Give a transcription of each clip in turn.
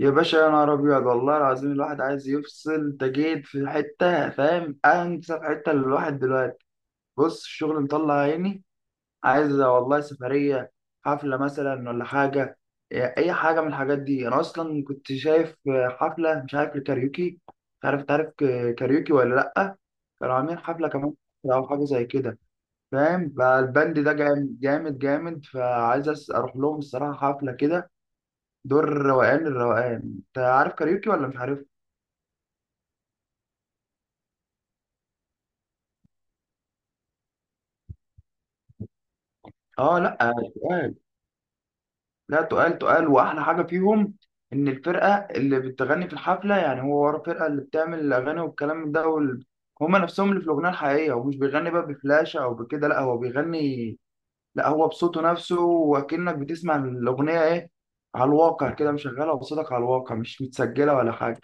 يا باشا، يا نهار ابيض والله العظيم الواحد عايز يفصل. انت جيت في حته فاهم؟ انسب حته للواحد دلوقتي. بص الشغل مطلع عيني. عايز والله سفريه، حفله مثلا ولا حاجه. اي حاجه من الحاجات دي انا اصلا كنت شايف. حفله، مش عارف الكاريوكي، مش عارف تعرف كاريوكي ولا لا. كانوا عاملين حفله كمان او حاجه زي كده، فاهم؟ فالبند ده جامد جامد جامد، فعايز اروح لهم الصراحه حفله كده. دور الروقان الروقان، انت عارف كاريوكي ولا مش عارف؟ اه تقال لا تقال تقال، واحلى حاجه فيهم ان الفرقه اللي بتغني في الحفله، يعني هو ورا الفرقه اللي بتعمل الاغاني والكلام من ده وال... هما نفسهم اللي في الاغنيه الحقيقيه، ومش بيغني بقى بفلاشه او بكده، لا هو بيغني، لا هو بصوته نفسه، وكأنك بتسمع الاغنيه ايه، على الواقع كده، مشغلها بصوتك على الواقع، مش متسجله ولا حاجه.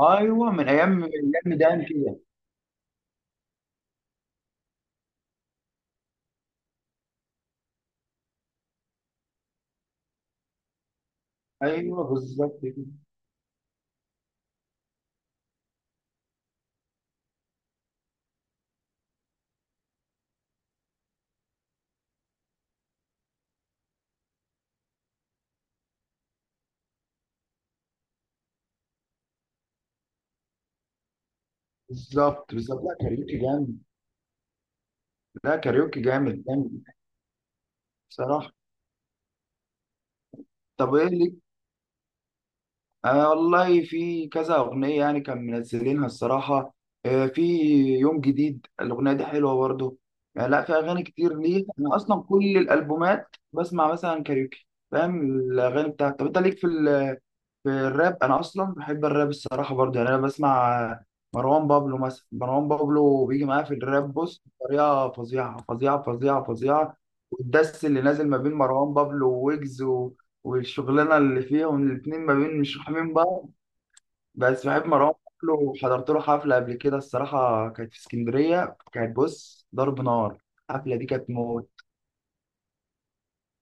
ايوه، من ايام ميدان كده. ايوه بالظبط كده. بالظبط بالظبط. لا كاريوكي جامد. لا كاريوكي جامد جامد بصراحة. طب ايه ليك؟ آه والله في كذا أغنية يعني كان منزلينها الصراحة. آه في يوم جديد، الأغنية دي حلوة برضه. يعني لا في أغاني كتير ليه، أنا أصلا كل الألبومات بسمع مثلا كاريوكي، فاهم الأغاني بتاعتي. طب أنت ليك في في الراب؟ انا اصلا بحب الراب الصراحه برضه، يعني انا بسمع مروان بابلو مثلا. مروان بابلو بيجي معاه في الراب، بص بطريقه فظيعه فظيعه فظيعه فظيعه. والدس اللي نازل ما بين مروان بابلو وويجز و... والشغلانه اللي فيهم الاتنين، ما بين مش فاهمين بعض. بس بحب مروان بابلو، وحضرت له حفله قبل كده الصراحه، كانت في اسكندريه، كانت بص ضرب نار. الحفله دي كانت موت.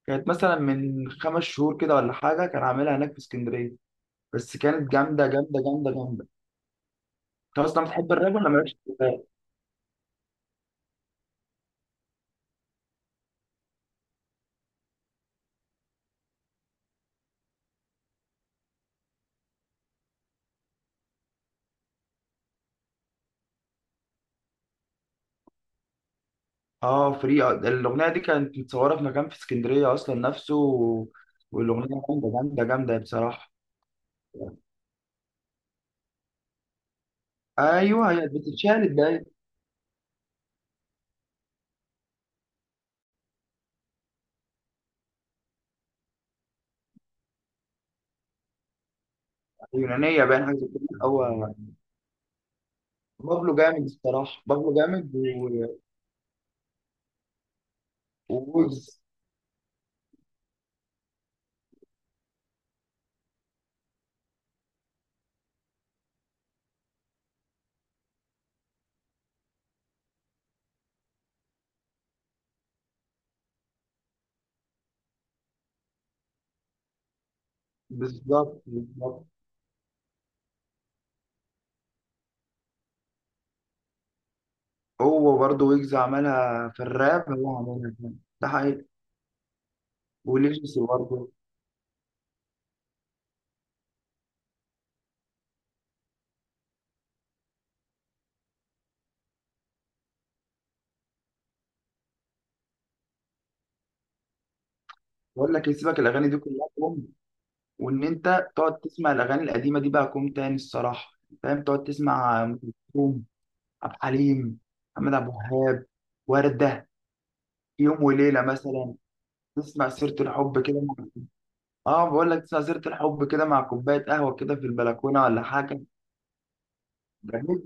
كانت مثلا من خمس شهور كده ولا حاجه، كان عاملها هناك في اسكندريه، بس كانت جامده جامده جامده جامده. انت اصلا بتحب الراب ولا مالكش في الراب؟ اه فري. الاغنيه دي كانت متصوره في مكان في اسكندريه اصلا نفسه و... والاغنيه جامده جامده جامده بصراحه. ايوه هي بتتشال الدقايق. يونانيه باين حاجه زي كده هو. بابلو جامد الصراحه، بابلو جامد و... وويجز. بالظبط بالظبط. هو برضه ويجز عملها في الراب، هو عملها في ده حقيقي. وليجسي برضه. بقول لك سيبك الاغاني دي كلها، وان انت تقعد تسمع الاغاني القديمه دي بقى كوم تاني الصراحه، فاهم؟ تقعد تسمع ام كلثوم، عبد الحليم، محمد عبد الوهاب، ورده. يوم وليله مثلا، تسمع سيره الحب كده مع... اه بقول لك، تسمع سيره الحب كده مع كوبايه قهوه كده في البلكونه ولا حاجه. جميل.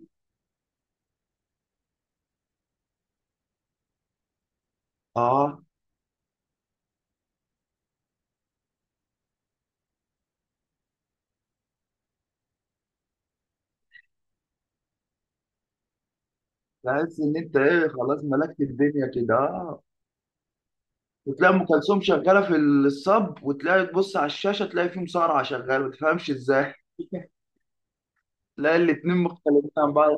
اه، تحس ان انت ايه، خلاص ملكت الدنيا كده، اه. وتلاقي ام كلثوم شغاله في الصب، وتلاقي تبص على الشاشه تلاقي في مصارعه شغاله، ما تفهمش ازاي. تلاقي الاتنين مختلفين عن بعض.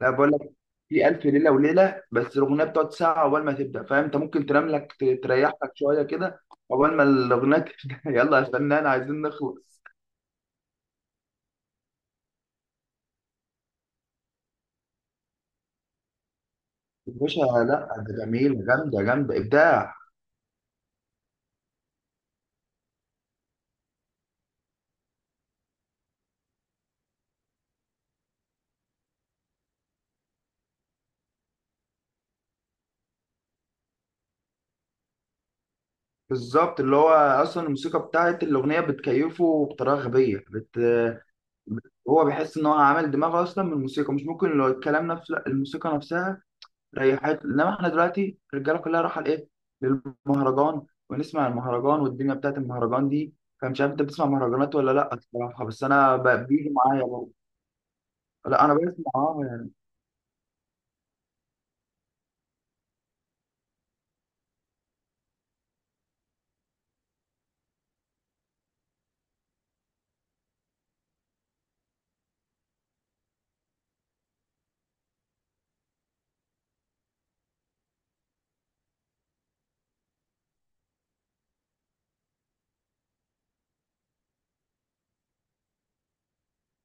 لا بقول لك، في ألف ليلة وليلة بس الأغنية بتقعد ساعة عقبال ما تبدأ، فاهم أنت؟ ممكن تنام لك، تريح لك شوية كده عقبال ما الأغنية تبدأ. يلا يا فنان عايزين نخلص. يا باشا، لا ده جميل، جامدة جامدة إبداع. بالظبط، اللي هو أصلا الموسيقى بتاعت الأغنية بتكيفه بطريقة غبية بت... هو بيحس إن هو عامل دماغه أصلا من الموسيقى، مش ممكن لو الكلام نفسه، لا الموسيقى نفسها ريحت. انما احنا دلوقتي الرجاله كلها رايحه لايه؟ للمهرجان. ونسمع المهرجان والدنيا بتاعت المهرجان دي. فمش عارف انت بتسمع مهرجانات ولا لا الصراحه، بس انا بيجي معايا برضه. لا انا بسمع اه يعني.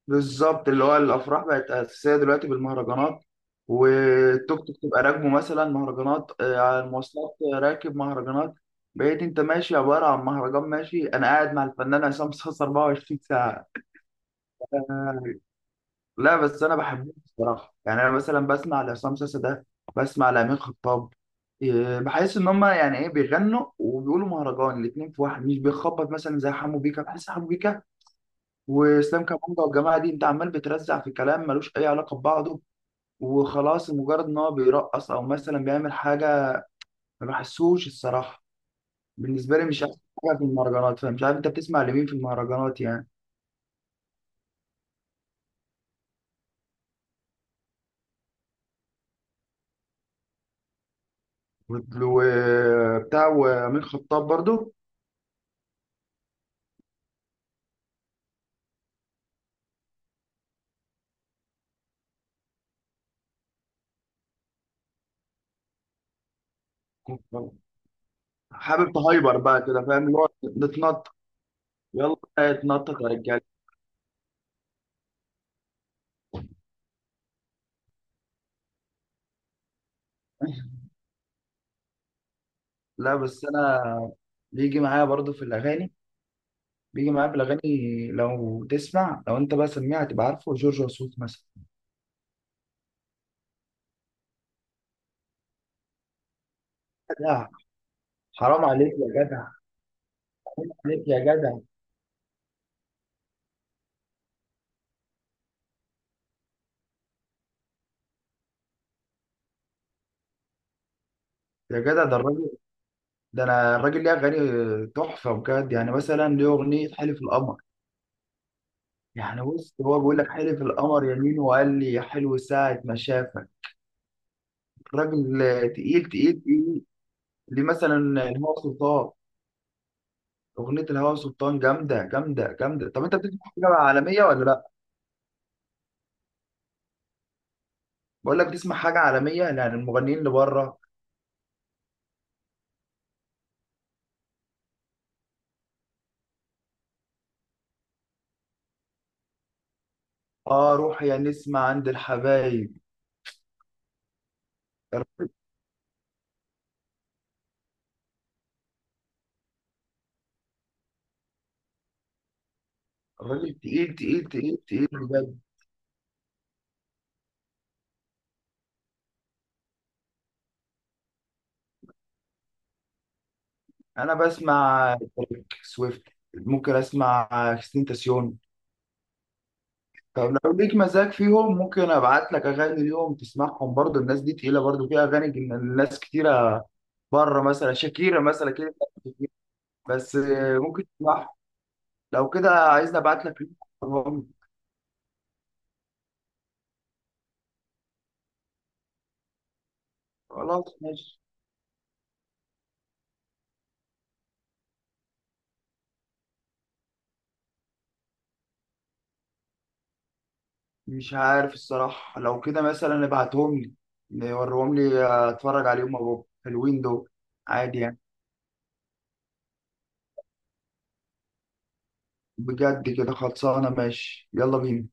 بالظبط، اللي هو الافراح بقت اساسيه دلوقتي بالمهرجانات، والتوك توك تبقى راكبه مثلا مهرجانات، على المواصلات راكب مهرجانات. بقيت انت ماشي عباره عن مهرجان ماشي، انا قاعد مع الفنان عصام صاصا 24 ساعه. لا بس انا بحبهم بصراحه، يعني انا مثلا بسمع لعصام ساسا ده، بسمع لامين خطاب. بحس ان هم يعني ايه بيغنوا وبيقولوا مهرجان الاثنين في واحد، مش بيخبط مثلا زي حمو بيكا. بحس حمو بيكا واسلام كابونجا والجماعه دي، انت عمال بترزع في كلام ملوش اي علاقه ببعضه، وخلاص مجرد ان هو بيرقص او مثلا بيعمل حاجه، ما بحسوش الصراحه. بالنسبه لي مش احسن حاجه في المهرجانات. فمش عارف انت بتسمع لمين في المهرجانات يعني، وبتاع وامين خطاب برضو. حابب تهايبر بقى كده فاهم، اللي هو بتنطط. يلا اتنطط يا رجاله. لا بس انا بيجي معايا برضو في الاغاني، بيجي معايا في الاغاني. لو تسمع، لو انت بقى سميع هتبقى عارفه جورج وسوف مثلا. جدع حرام عليك يا جدع، حرام عليك يا جدع. يا جدع ده الراجل، ده انا الراجل ليه اغاني تحفه بجد، يعني مثلا ليه اغنيه حلف القمر. يعني بص هو بيقول لك حلف القمر يمين، وقال لي يا حلو ساعه ما شافك. الراجل تقيل تقيل تقيل. دي مثلا الهوى سلطان، اغنيه الهوى سلطان جامده جامده جامده. طب انت بتسمع حاجه عالميه ولا لا؟ بقول لك بتسمع حاجه عالميه، يعني المغنيين اللي بره. اه روح يا نسمع عند الحبايب. الراجل تقيل تقيل تقيل تقيل بجد. انا بسمع تريك سويفت، ممكن اسمع كريستين تاسيون. طب لو ليك مزاج فيهم ممكن ابعت لك اغاني ليهم تسمعهم برضو، الناس دي تقيله برضو في اغاني، الناس كتيره بره، مثلا شاكيرا مثلا كده. بس ممكن تسمعها لو كده، عايزني ابعت لك لينك؟ وريهم لي. خلاص ماشي. مش عارف الصراحة، لو كده مثلا ابعتهم لي وريهم لي، اتفرج عليهم مع بابا، حلوين دول عادي يعني. بجد كده خلصانة ماشي. يلا بينا.